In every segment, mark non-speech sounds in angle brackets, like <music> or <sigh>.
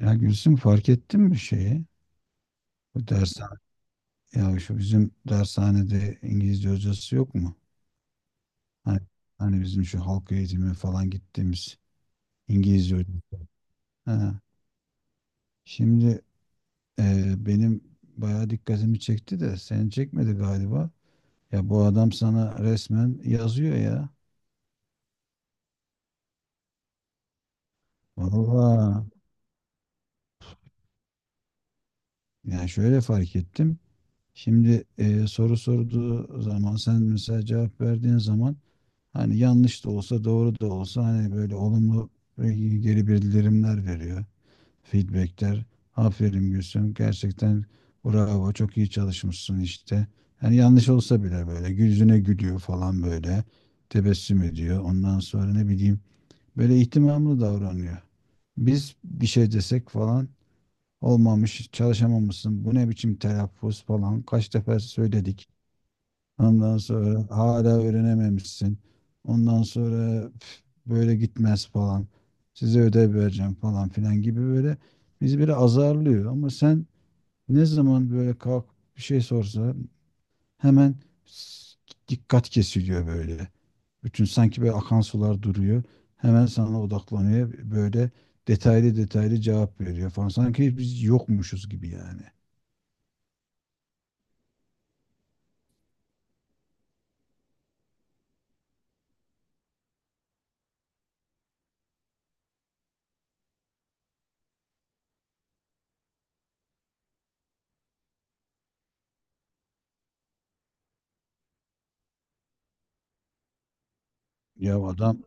Ya Gülsüm, fark ettin mi şeyi? Bu dershane, ya şu bizim dershanede İngilizce hocası yok mu? Hani, hani bizim şu halk eğitimi falan gittiğimiz İngilizce hocası. Ha. Şimdi, benim bayağı dikkatimi çekti de seni çekmedi galiba. Ya bu adam sana resmen yazıyor ya. Valla. Yani şöyle fark ettim. Şimdi, soru sorduğu zaman, sen mesela cevap verdiğin zaman, hani yanlış da olsa doğru da olsa, hani böyle olumlu e, geri bildirimler veriyor. Feedbackler. Aferin Gülsüm. Gerçekten bravo, çok iyi çalışmışsın işte. Hani yanlış olsa bile böyle yüzüne gülüyor falan böyle. Tebessüm ediyor. Ondan sonra ne bileyim, böyle ihtimamlı davranıyor. Biz bir şey desek falan, olmamış, çalışamamışsın, bu ne biçim telaffuz, falan kaç defa söyledik. Ondan sonra hala öğrenememişsin. Ondan sonra, "Üf, böyle gitmez" falan. "Size ödev vereceğim" falan filan gibi, böyle bizi böyle azarlıyor. Ama sen, ne zaman böyle kalk bir şey sorsa, hemen s- dikkat kesiliyor böyle. Bütün sanki böyle akan sular duruyor. Hemen sana odaklanıyor. Böyle detaylı detaylı cevap veriyor falan. Sanki biz yokmuşuz gibi yani. Ya adam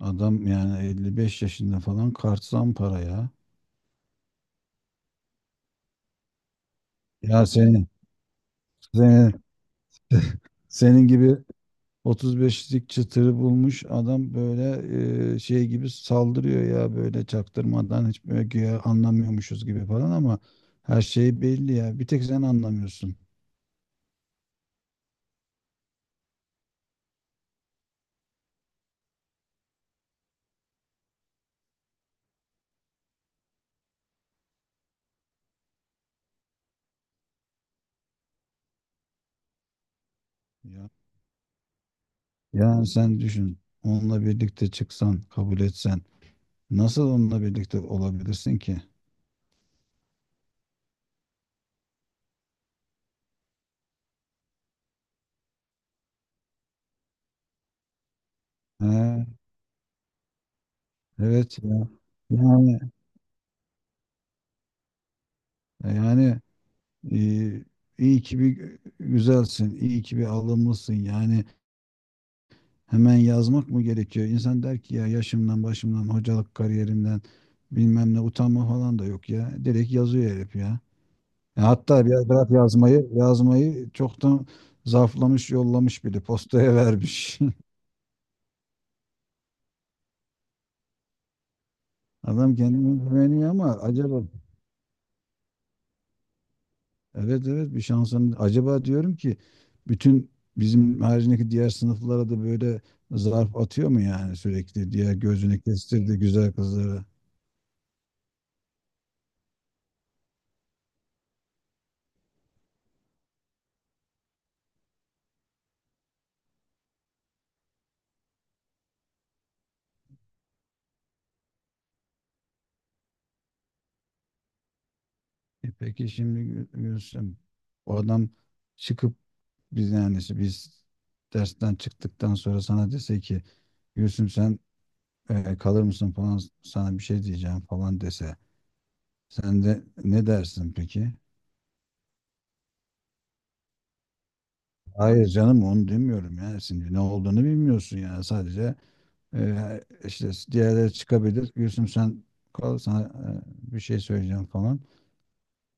adam yani 55 yaşında falan, kart para ya. Ya senin, senin gibi 35'lik çıtırı bulmuş adam, böyle şey gibi saldırıyor ya, böyle çaktırmadan, hiç böyle güya anlamıyormuşuz gibi falan, ama her şey belli ya. Bir tek sen anlamıyorsun. Ya. Yani sen düşün, onunla birlikte çıksan, kabul etsen, nasıl onunla birlikte olabilirsin ki? He, evet ya. Yani yani e, iyi ki bir güzelsin, iyi ki bir alımlısın yani. Hemen yazmak mı gerekiyor? İnsan der ki, ya yaşımdan, başımdan, hocalık kariyerimden, bilmem ne, utanma falan da yok ya. Direkt yazıyor herif ya. Ya hatta biraz bırak yazmayı, yazmayı çoktan zarflamış, yollamış, bile postaya vermiş. <laughs> Adam kendine güveniyor, ama acaba evet evet, bir şansın acaba, diyorum ki, bütün bizim haricindeki diğer sınıflara da böyle zarf atıyor mu yani, sürekli diğer gözünü kestirdi güzel kızlara. E peki şimdi Gülsüm, o adam çıkıp, biz yani işte biz dersten çıktıktan sonra sana dese ki, "Gülsüm sen kalır mısın falan, sana bir şey diyeceğim" falan dese, sen de ne dersin peki? Hayır canım, onu demiyorum ya, şimdi ne olduğunu bilmiyorsun yani, sadece işte diğerleri çıkabilir, "Gülsüm sen kal, sana bir şey söyleyeceğim" falan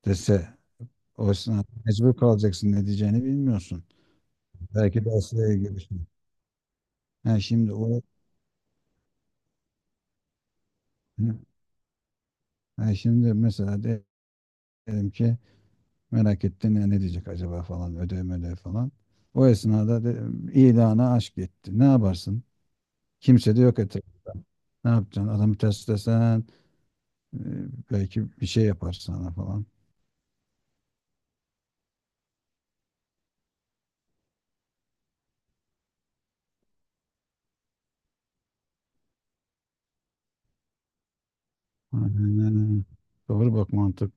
dese, o sen mecbur kalacaksın, ne diyeceğini bilmiyorsun. Belki dersle ilgili bir şey. Ha şimdi o... Hı. Ha şimdi mesela, diyelim ki merak ettin ya, "Ne diyecek acaba" falan, ödev ödev falan. O esnada de, ilana aşk etti. Ne yaparsın? Kimse de yok etrafta. Ne yapacaksın? Adamı test desen, e, belki bir şey yapar sana falan. Aynen. Doğru bak, mantık.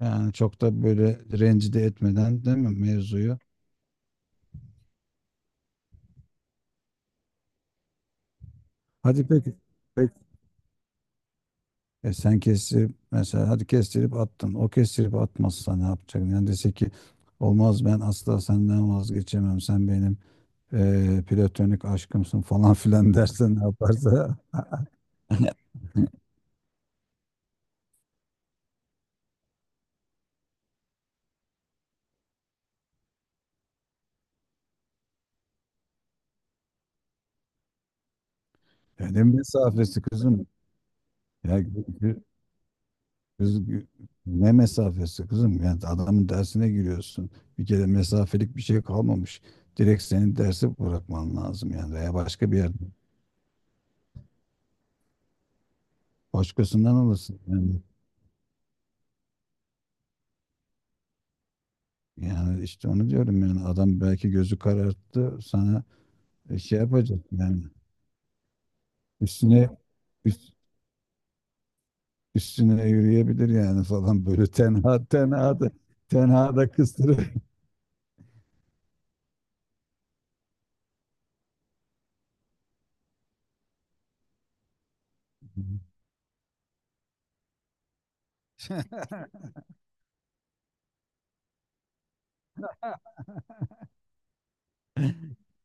Yani çok da böyle rencide etmeden, değil mi, mevzuyu? Hadi peki. Peki. E sen kestirip, mesela, hadi kestirip attın. O kestirip atmazsa ne yapacak? Yani dese ki, "Olmaz, ben asla senden vazgeçemem. Sen benim platonik aşkımsın" falan <laughs> filan dersen, ne yaparsa. <laughs> E, ne mesafesi kızım? Ya kız ne mesafesi kızım? Yani adamın dersine giriyorsun. Bir kere mesafelik bir şey kalmamış. Direkt senin dersi bırakman lazım yani, veya başka bir yerde başkasından alırsın. Yani, yani işte onu diyorum yani, adam belki gözü kararttı sana, şey yapacak yani, üstüne üst- üstüne yürüyebilir yani falan, böyle tenha tenha da tenha da kıstırır. <laughs>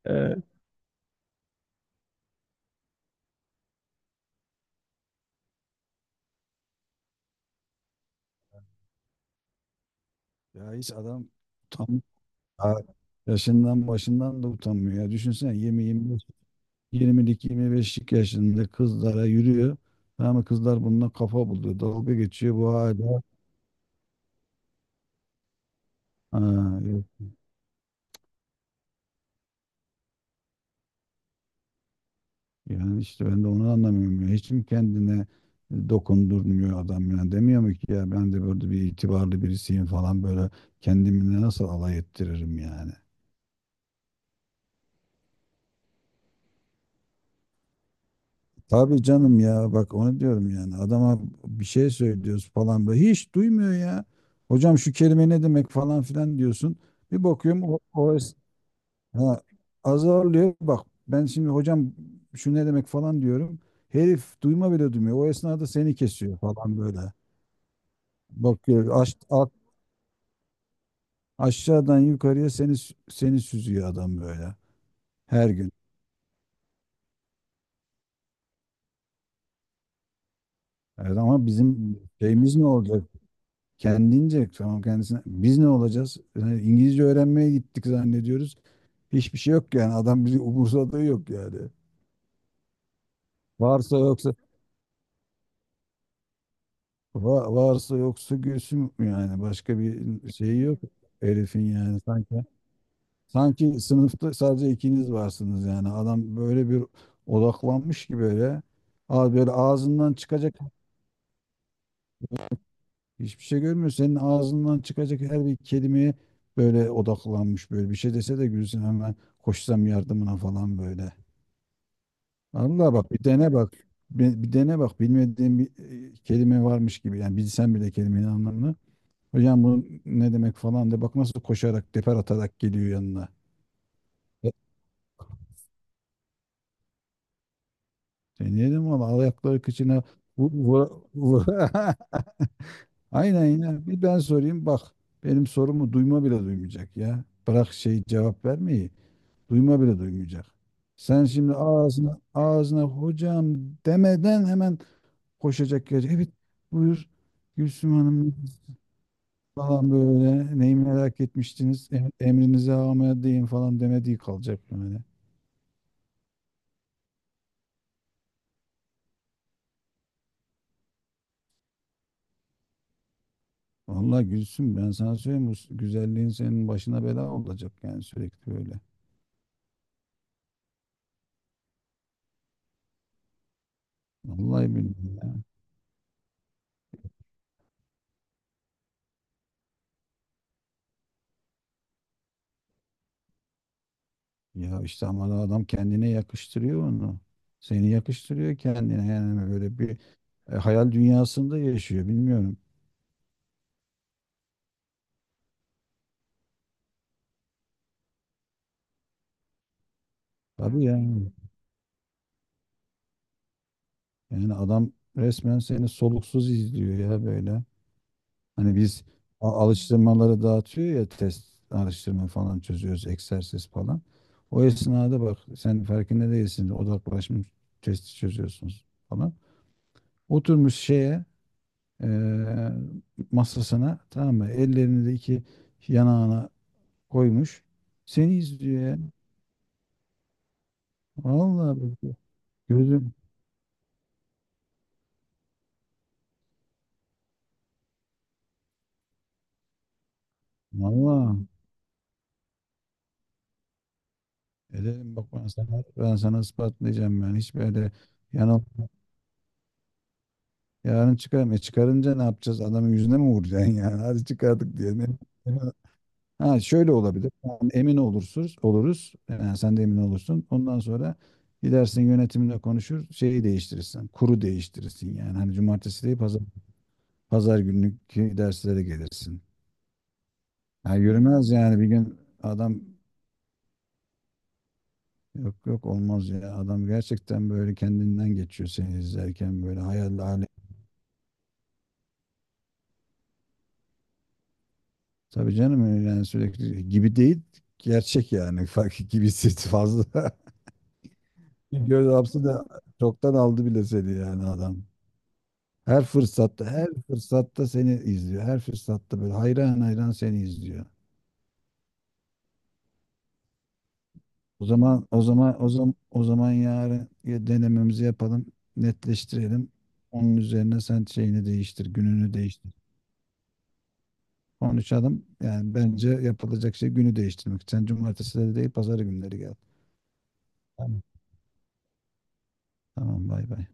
Evet. Ya hiç adam tam ha, yaşından başından da utanmıyor. Ya düşünsene, 20, 25, yirmi beşlik yaşında kızlara yürüyor. Ama kızlar bununla kafa buluyor. Dalga geçiyor bu hala. Ha, yani işte ben de onu anlamıyorum ya. Hiç mi kendine dokundurmuyor adam yani, demiyor mu ki, ya ben de böyle bir itibarlı birisiyim falan, böyle kendimle nasıl alay ettiririm yani. Tabii canım ya, bak onu diyorum yani, adama bir şey söylüyoruz falan, böyle hiç duymuyor ya. "Hocam şu kelime ne demek" falan filan diyorsun. Bir bakıyorum o ha, azarlıyor bak, ben şimdi "Hocam şu ne demek" falan diyorum. Herif duyma bile duymuyor. O esnada seni kesiyor falan böyle. Bakıyor aç, aşağıdan yukarıya seni süzüyor adam böyle her gün. Evet, ama bizim şeyimiz ne olacak? Kendince tamam, kendisine. Biz ne olacağız? Yani İngilizce öğrenmeye gittik zannediyoruz. Hiçbir şey yok yani. Adam bizi umursadığı yok yani. Varsa yoksa, gülsün yani. Başka bir şeyi yok herifin yani sanki. Sanki sınıfta sadece ikiniz varsınız yani. Adam böyle bir odaklanmış ki böyle. Aa, böyle ağzından çıkacak... Hiçbir şey görmüyor. Senin ağzından çıkacak her bir kelimeye böyle odaklanmış böyle. Bir şey dese de gülsün, hemen koşsam yardımına falan böyle. Allah, bak bir dene bak. Bir dene bak, bilmediğin bir kelime varmış gibi. Yani bilsen bile kelimenin anlamını, "Hocam bu ne demek" falan de, bak nasıl koşarak, teper atarak geliyor yanına. E, deneyelim valla, al ayakları kıçına. Vur. <laughs> Aynen ya, bir ben sorayım bak. Benim sorumu duyma bile duymayacak ya. Bırak şey, cevap vermeyi. Duyma bile duymayacak. Sen şimdi ağzına "hocam" demeden, hemen koşacak gelecek. "Evet buyur Gülsüm Hanım" falan böyle, "Neyi merak etmiştiniz, emrinize amedeyim" falan, demediği kalacak yani. Vallahi Gülsüm, ben sana söyleyeyim, bu güzelliğin senin başına bela olacak yani, sürekli böyle. Vallahi billahi ya. Ya işte ama adam kendine yakıştırıyor onu. Seni yakıştırıyor kendine yani, böyle bir hayal dünyasında yaşıyor, bilmiyorum. Tabii yani. Yani adam resmen seni soluksuz izliyor ya böyle. Hani biz alıştırmaları dağıtıyor ya, test alıştırma falan çözüyoruz, egzersiz falan. O esnada bak, sen farkında değilsin, odaklaşmış testi çözüyorsunuz falan. Oturmuş şeye, eee, masasına, tamam mı, ellerini de iki yanağına koymuş. Seni izliyor ya. Vallahi bak, gözüm. Vallahi. Ederim bak, ben sana ispatlayacağım yani. Hiç böyle yani, yarın çıkarım. E çıkarınca ne yapacağız? Adamın yüzüne mi vuracaksın yani? <laughs> Hadi çıkardık diyelim. Ha şöyle olabilir. Yani emin olursunuz, oluruz. Yani sen de emin olursun. Ondan sonra gidersin, yönetimle konuşur, şeyi değiştirirsin. Kuru değiştirirsin yani. Hani cumartesi değil, pazar, pazar günlük derslere gelirsin. Ha yürümez yani, bir gün adam... Yok yok, olmaz ya. Adam gerçekten böyle kendinden geçiyor seni izlerken, böyle hayal alem. Tabii canım yani, sürekli gibi değil, gerçek yani, <laughs> fark gibisi fazla. <laughs> Göz hapsi de çoktan aldı bile seni yani adam. Her fırsatta seni izliyor. Her fırsatta böyle hayran hayran seni izliyor. O zaman yarın ya, denememizi yapalım, netleştirelim. Onun üzerine sen şeyini değiştir, gününü değiştir. Konuşalım. Yani bence yapılacak şey, günü değiştirmek. Sen cumartesileri değil, pazar günleri gel. Tamam. Tamam, bay bay.